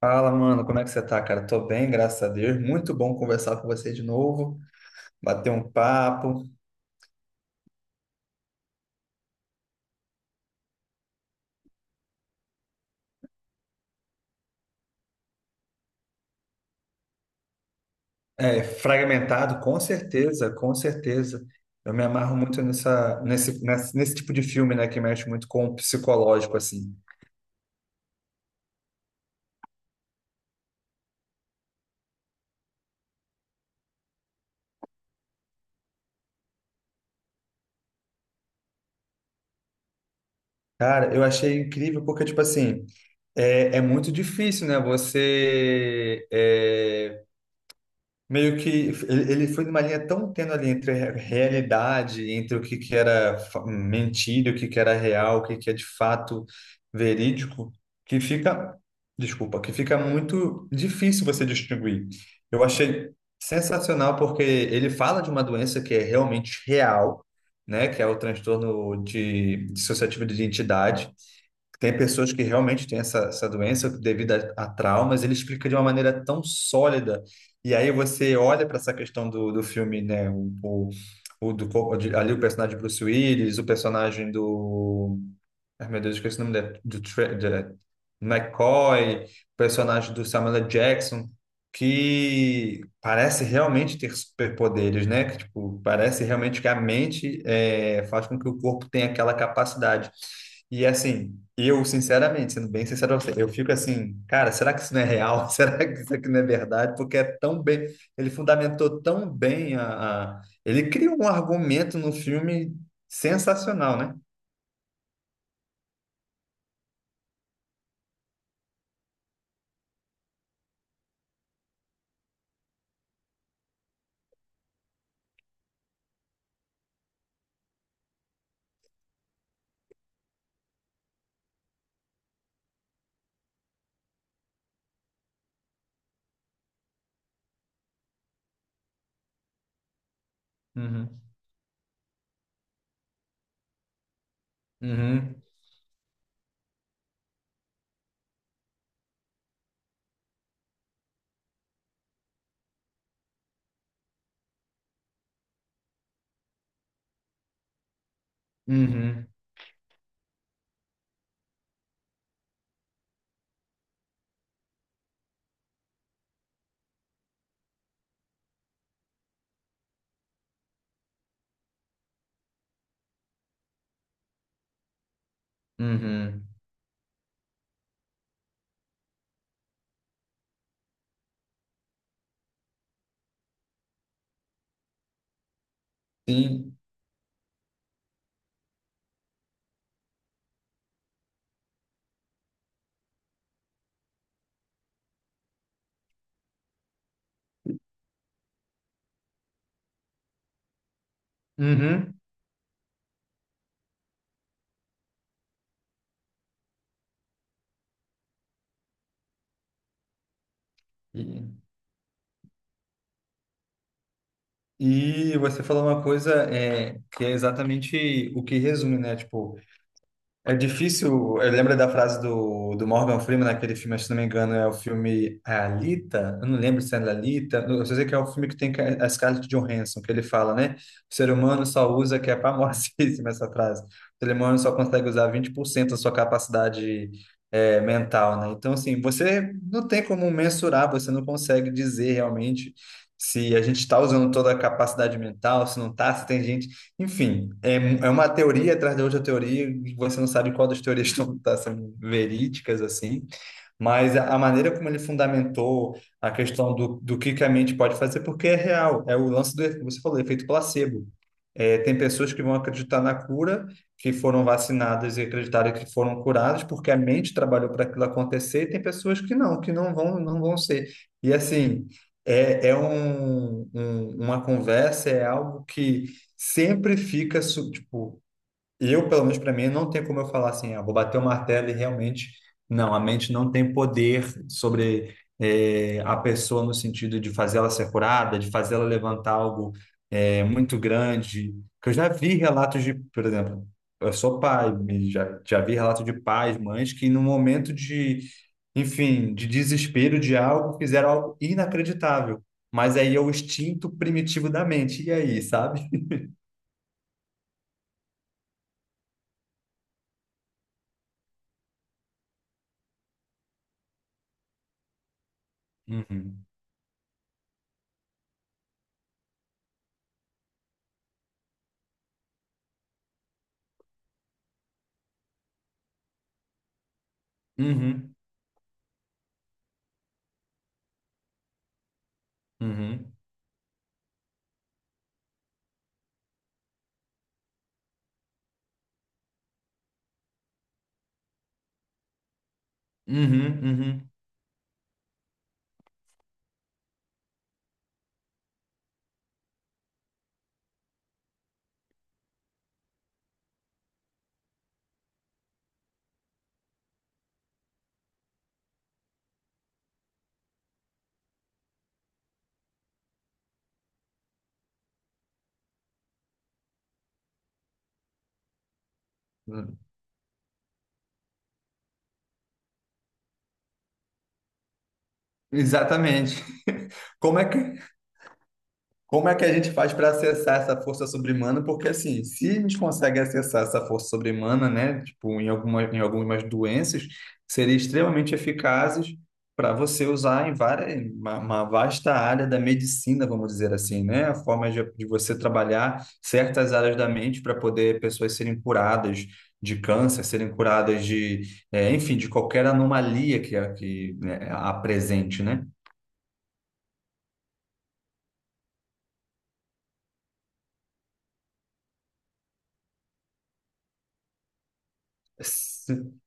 Fala, mano, como é que você tá, cara? Tô bem, graças a Deus. Muito bom conversar com você de novo, bater um papo. É, fragmentado, com certeza, com certeza. Eu me amarro muito nesse tipo de filme, né, que mexe muito com o psicológico, assim. Cara, eu achei incrível porque, tipo assim, é muito difícil, né, meio que ele foi numa linha tão tênue ali entre a realidade, entre o que que era mentira, o que que era real, o que que é de fato verídico, que fica, desculpa, que fica muito difícil você distinguir. Eu achei sensacional porque ele fala de uma doença que é realmente real, né, que é o transtorno de dissociativo de identidade, tem pessoas que realmente têm essa, essa doença devido a traumas, ele explica de uma maneira tão sólida. E aí você olha para essa questão do, do filme, né? O do, co- de- ali o personagem de Bruce Willis. O personagem do Ai, meu Deus, eu esqueci o nome dele. Do McCoy, personagem do Samuel L. Jackson, que parece realmente ter superpoderes, né? Que, tipo, parece realmente que a mente é, faz com que o corpo tenha aquela capacidade. E assim, eu, sinceramente, sendo bem sincero, pra você, eu fico assim, cara, será que isso não é real? Será que isso aqui não é verdade? Porque é tão bem, ele fundamentou tão bem ele criou um argumento no filme sensacional, né? Uhum. Uhum. Uhum, uhum. Sim. Uhum. E, e você falou uma coisa que é exatamente o que resume, né? Tipo, é difícil. Eu lembro da frase do, do Morgan Freeman naquele filme, se não me engano, é o filme é Alita. Eu não lembro se é Alita. Eu só sei que é o filme que tem é a Scarlett Johansson, que ele fala, né? O ser humano só usa, que é famosíssima essa frase. O ser humano só consegue usar 20% da sua capacidade mental, né? Então, assim, você não tem como mensurar, você não consegue dizer realmente se a gente está usando toda a capacidade mental, se não está, se tem gente enfim, é uma teoria atrás da outra teoria, e você não sabe qual das teorias estão tá sendo verídicas, assim. Mas a maneira como ele fundamentou a questão do que a mente pode fazer, porque é real, é o lance do, você falou, efeito placebo. É, tem pessoas que vão acreditar na cura, que foram vacinadas e acreditaram que foram curadas, porque a mente trabalhou para aquilo acontecer, e tem pessoas que não vão, não vão ser. E assim, é, é um, uma conversa, é algo que sempre fica, tipo, eu, pelo menos para mim, não tem como eu falar assim, ah, vou bater o martelo e realmente. Não, a mente não tem poder sobre a pessoa no sentido de fazê-la ser curada, de fazê-la levantar algo muito grande. Que eu já vi relatos de, por exemplo, eu sou pai, e já vi relatos de pais, mães que no momento de, enfim, de desespero de algo, fizeram algo inacreditável. Mas aí é o instinto primitivo da mente. E aí, sabe? Uhum. Uhum. Uhum. Uhum, uhum. Exatamente. Como é que, como é que a gente faz para acessar essa força sobre-humana? Porque, assim, se a gente consegue acessar essa força sobre-humana, né, tipo, em algumas doenças, seria extremamente eficazes para você usar em uma vasta área da medicina, vamos dizer assim, né? A forma de você trabalhar certas áreas da mente para poder pessoas serem curadas de câncer, serem curadas de, enfim, de qualquer anomalia que, que né, apresente, né?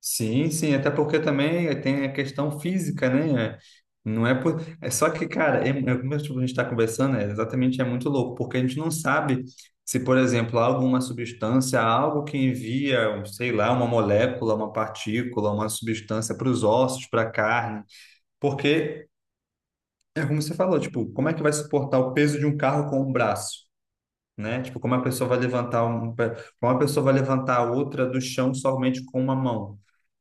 Sim, sim, até porque também tem a questão física, né? Não é por... É só que, cara, é como tipo, a gente está conversando, é exatamente é muito louco, porque a gente não sabe se, por exemplo, há alguma substância, há algo que envia, sei lá, uma molécula, uma partícula, uma substância para os ossos, para a carne, porque é como você falou, tipo, como é que vai suportar o peso de um carro com um braço? Né? Tipo, como a pessoa vai levantar como a pessoa vai levantar a outra do chão somente com uma mão?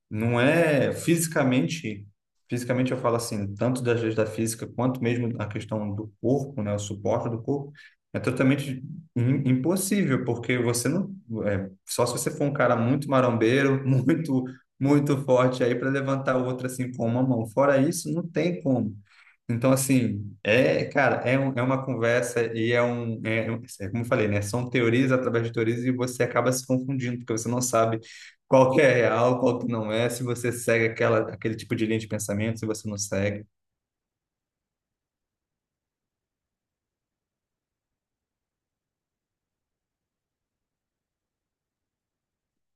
Não é fisicamente, fisicamente eu falo assim, tanto das leis da física quanto mesmo a questão do corpo, né, o suporte do corpo, é totalmente impossível, porque você não, é, só se você for um cara muito marombeiro, muito, muito forte aí para levantar o outro assim com uma mão. Fora isso, não tem como. Então, assim, cara, é uma conversa e é como eu falei, né? São teorias através de teorias e você acaba se confundindo, porque você não sabe qual que é real, qual que não é, se você segue aquela, aquele tipo de linha de pensamento, se você não segue.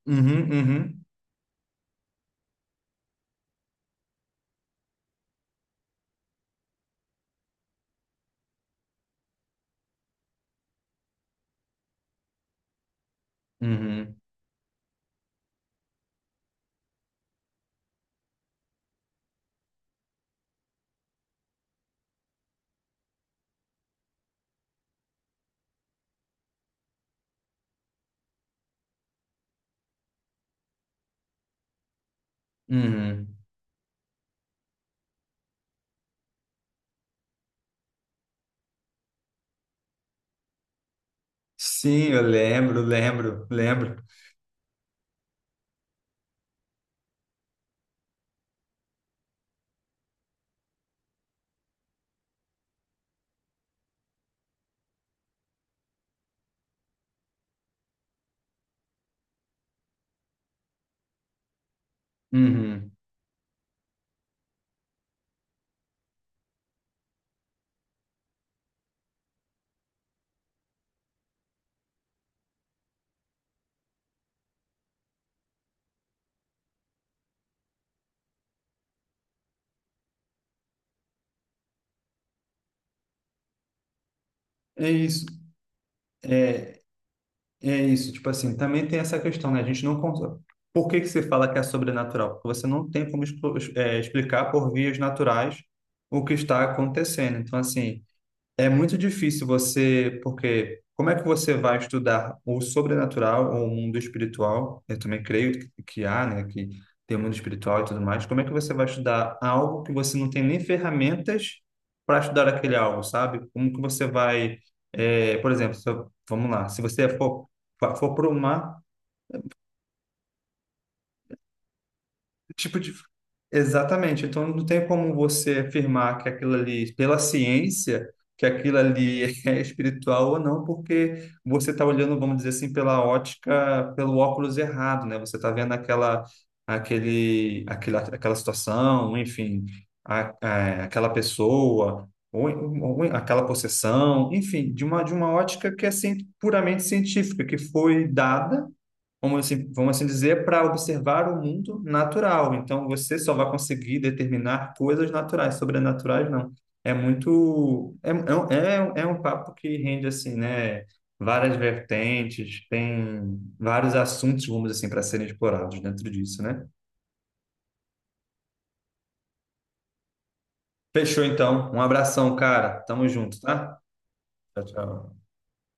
Uhum, uhum, uhum, uhum. Sim, eu lembro, lembro, lembro. Uhum. É isso. É, é isso, tipo assim, também tem essa questão, né? A gente não consegue. Por que que se fala que é sobrenatural? Porque você não tem como explicar por vias naturais o que está acontecendo. Então, assim, é muito difícil você, porque como é que você vai estudar o sobrenatural ou o mundo espiritual? Eu também creio que há, né, que tem o mundo espiritual e tudo mais. Como é que você vai estudar algo que você não tem nem ferramentas para estudar aquele algo, sabe? Como que você vai, eh, por exemplo, se eu- vamos lá, se você for, para tipo de... Exatamente. Então, não tem como você afirmar que aquilo ali, pela ciência, que aquilo ali é espiritual ou não, porque você está olhando, vamos dizer assim, pela ótica, pelo óculos errado, né? Você está vendo aquela situação, enfim, aquela pessoa, ou aquela possessão, enfim, de uma ótica que é puramente científica, que foi dada vamos assim dizer, para observar o mundo natural. Então, você só vai conseguir determinar coisas naturais, sobrenaturais não. É muito, é, é um papo que rende assim, né? Várias vertentes, tem vários assuntos, vamos assim, para serem explorados dentro disso, né? Fechou então. Um abração, cara. Tamo junto, tá? Tchau, tchau.